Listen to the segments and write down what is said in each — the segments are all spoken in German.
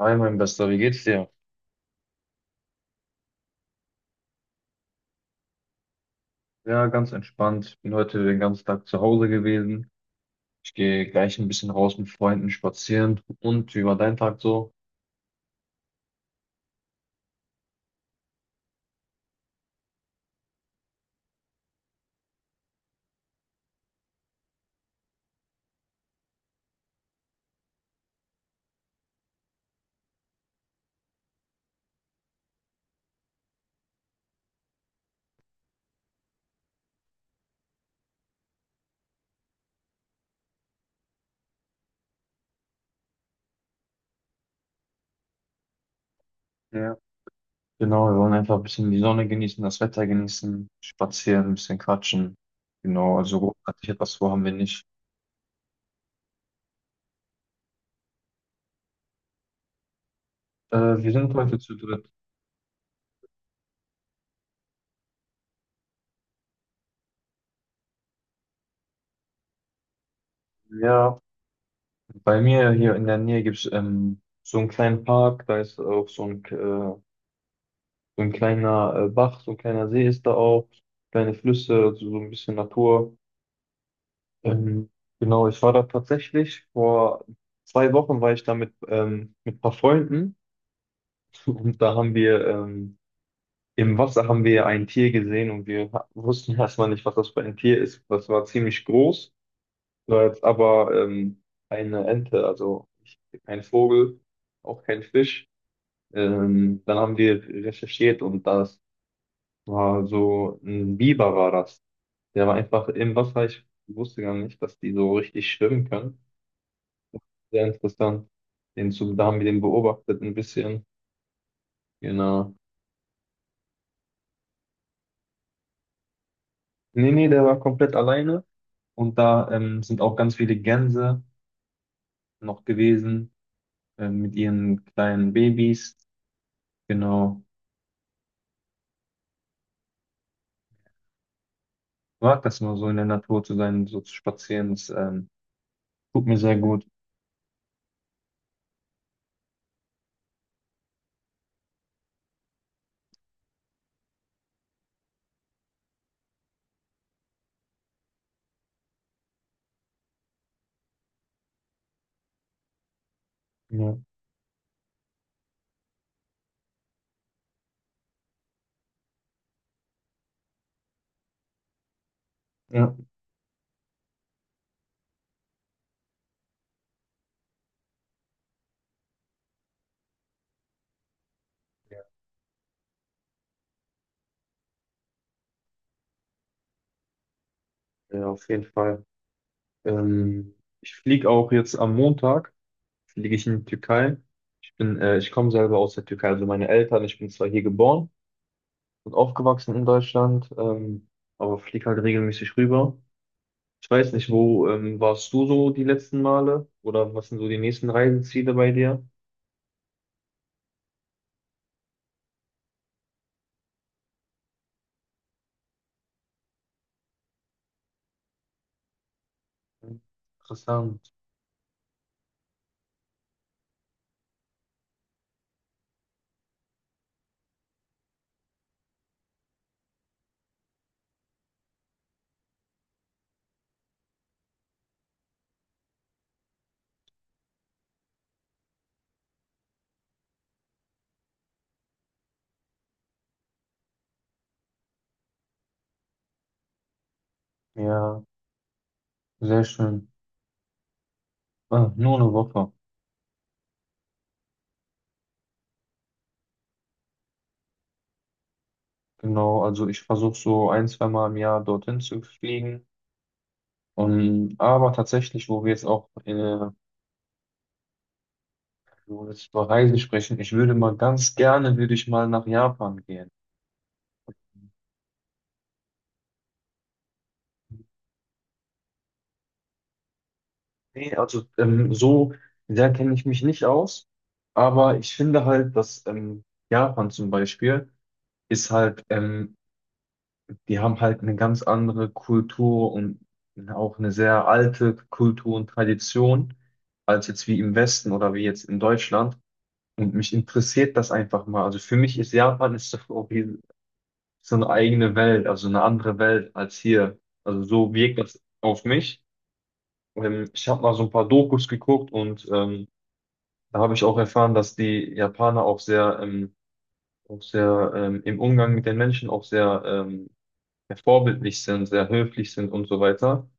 Hi, mein Bester, wie geht's dir? Ja, ganz entspannt. Bin heute den ganzen Tag zu Hause gewesen. Ich gehe gleich ein bisschen raus mit Freunden spazieren. Und wie war dein Tag so? Ja. Genau, wir wollen einfach ein bisschen die Sonne genießen, das Wetter genießen, spazieren, ein bisschen quatschen. Genau, also großartig etwas vor haben wir nicht. Äh, Wir sind heute zu dritt. Ja, bei mir hier in der Nähe gibt's so einen kleinen Park, da ist auch so ein kleiner Bach, so ein kleiner See ist da auch, kleine Flüsse, also so ein bisschen Natur. Ähm, genau, ich war da tatsächlich vor 2 Wochen war ich da mit ein paar Freunden. Und da haben wir im Wasser haben wir ein Tier gesehen und wir wussten erstmal nicht, was das für ein Tier ist. Das war ziemlich groß, war jetzt aber eine Ente, also kein Vogel, auch kein Fisch. Dann haben wir recherchiert und das war so ein Biber war das. Der war einfach im Wasser. Ich wusste gar nicht, dass die so richtig schwimmen können. Sehr interessant. Den Zug, da haben wir den beobachtet ein bisschen. Genau. Nee, nee, der war komplett alleine. Und da sind auch ganz viele Gänse noch gewesen, mit ihren kleinen Babys. Genau. Ich mag das nur so in der Natur zu sein, so zu spazieren. Das tut mir sehr gut. Ja, ja. Ja, ja, auf jeden Fall. Ähm, Ich fliege auch jetzt am Montag, fliege ich in die Türkei. Ich komme selber aus der Türkei, also meine Eltern, ich bin zwar hier geboren, und aufgewachsen in Deutschland, aber flieg halt regelmäßig rüber. Ich weiß nicht, wo warst du so die letzten Male oder was sind so die nächsten Reiseziele bei dir? Interessant. Ja, sehr schön. Ah, nur eine Woche. Genau, also ich versuche so ein, zwei Mal im Jahr dorthin zu fliegen. Und, aber tatsächlich, wo wir jetzt über Reisen sprechen, ich würde mal ganz gerne, würde ich mal nach Japan gehen. Nee, also so sehr kenne ich mich nicht aus, aber ich finde halt, dass Japan zum Beispiel ist halt, die haben halt eine ganz andere Kultur und auch eine sehr alte Kultur und Tradition als jetzt wie im Westen oder wie jetzt in Deutschland. Und mich interessiert das einfach mal. Also für mich ist Japan ist so auch wie so eine eigene Welt, also eine andere Welt als hier. Also so wirkt das auf mich. Ich habe mal so ein paar Dokus geguckt da habe ich auch erfahren, dass die Japaner auch auch sehr im Umgang mit den Menschen auch sehr ja, vorbildlich sind, sehr höflich sind und so weiter.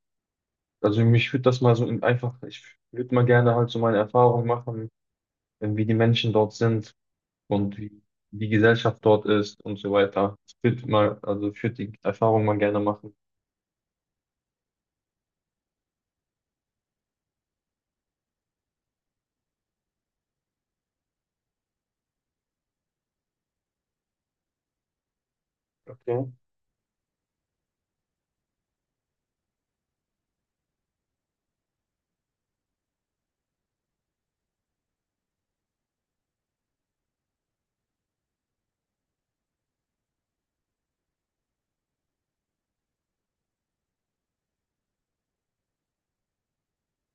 Also mich würde das mal einfach, ich würde mal gerne halt so meine Erfahrungen machen, wie die Menschen dort sind und wie die Gesellschaft dort ist und so weiter. Ich würde mal, also ich würde die Erfahrung mal gerne machen. Okay.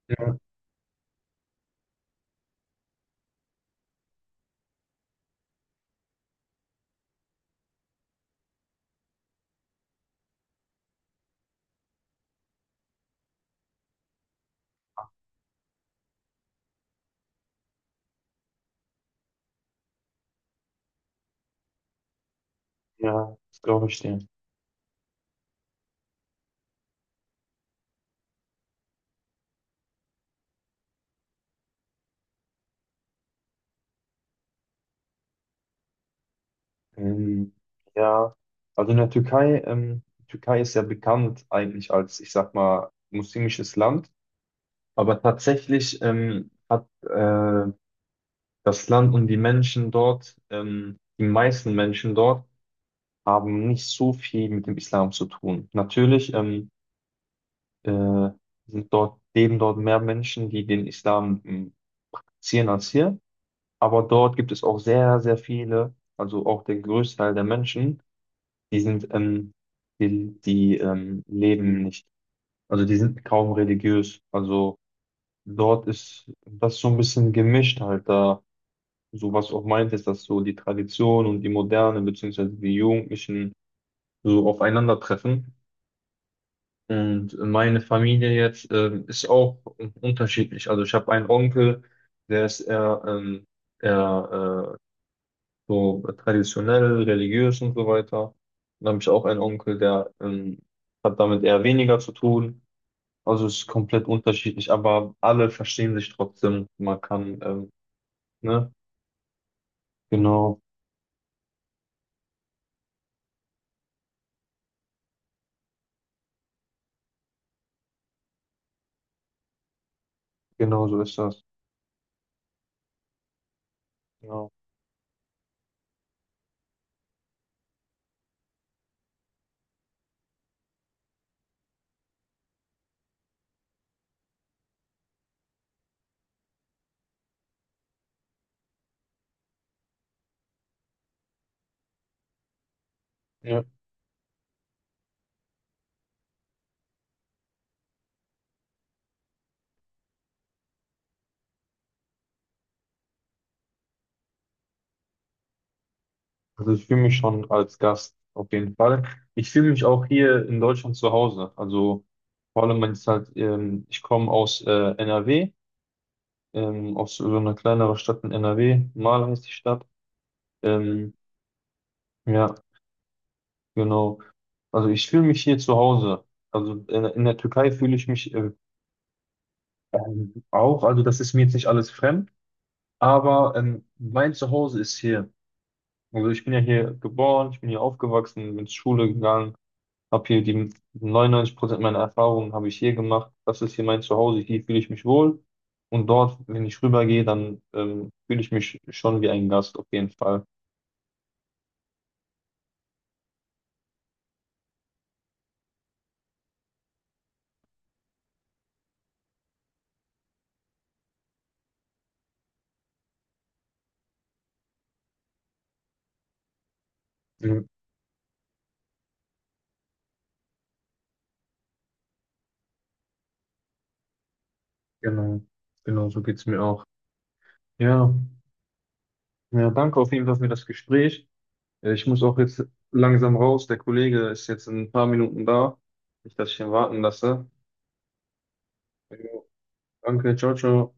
Ja, ja, das glaube ich dir. Ähm, ja, also in der Türkei, die Türkei ist ja bekannt eigentlich als, ich sag mal, muslimisches Land, aber tatsächlich hat das Land und die Menschen dort, die meisten Menschen dort, haben nicht so viel mit dem Islam zu tun. Natürlich äh, sind dort, leben dort mehr Menschen, die den Islam praktizieren als hier, aber dort gibt es auch sehr, sehr viele, also auch der Großteil der Menschen. Die sind, ähm, die leben nicht. Also die sind kaum religiös. Also dort ist das so ein bisschen gemischt halt da. So was auch meint ist, dass so die Tradition und die Moderne beziehungsweise die Jugendlichen so aufeinandertreffen. Und meine Familie jetzt ist auch unterschiedlich. Also ich habe einen Onkel, der ist eher so traditionell, religiös und so weiter. Dann habe ich auch einen Onkel, der hat damit eher weniger zu tun. Also es ist komplett unterschiedlich, aber alle verstehen sich trotzdem. Man kann, ne? Genau, genau so ist das. Genau. Ja. Also ich fühle mich schon als Gast auf jeden Fall. Ich fühle mich auch hier in Deutschland zu Hause. Also vor allem, wenn es halt, ich komme aus NRW, aus so einer kleineren Stadt in NRW, Mahl heißt die Stadt. Ähm, ja, genau. Also ich fühle mich hier zu Hause. Also in der Türkei fühle ich mich auch. Also das ist mir jetzt nicht alles fremd, aber mein Zuhause ist hier. Also ich bin ja hier geboren, ich bin hier aufgewachsen, bin zur Schule gegangen, habe hier die 99% meiner Erfahrungen habe ich hier gemacht. Das ist hier mein Zuhause, hier fühle ich mich wohl. Und dort, wenn ich rübergehe, dann fühle ich mich schon wie ein Gast auf jeden Fall. Mhm, genau, genau, so geht's mir auch. Ja, ja, danke auf jeden Fall für das Gespräch. Ich muss auch jetzt langsam raus. Der Kollege ist jetzt in ein paar Minuten da. Nicht, dass ich ihn warten lasse. Jo, danke, ciao, ciao.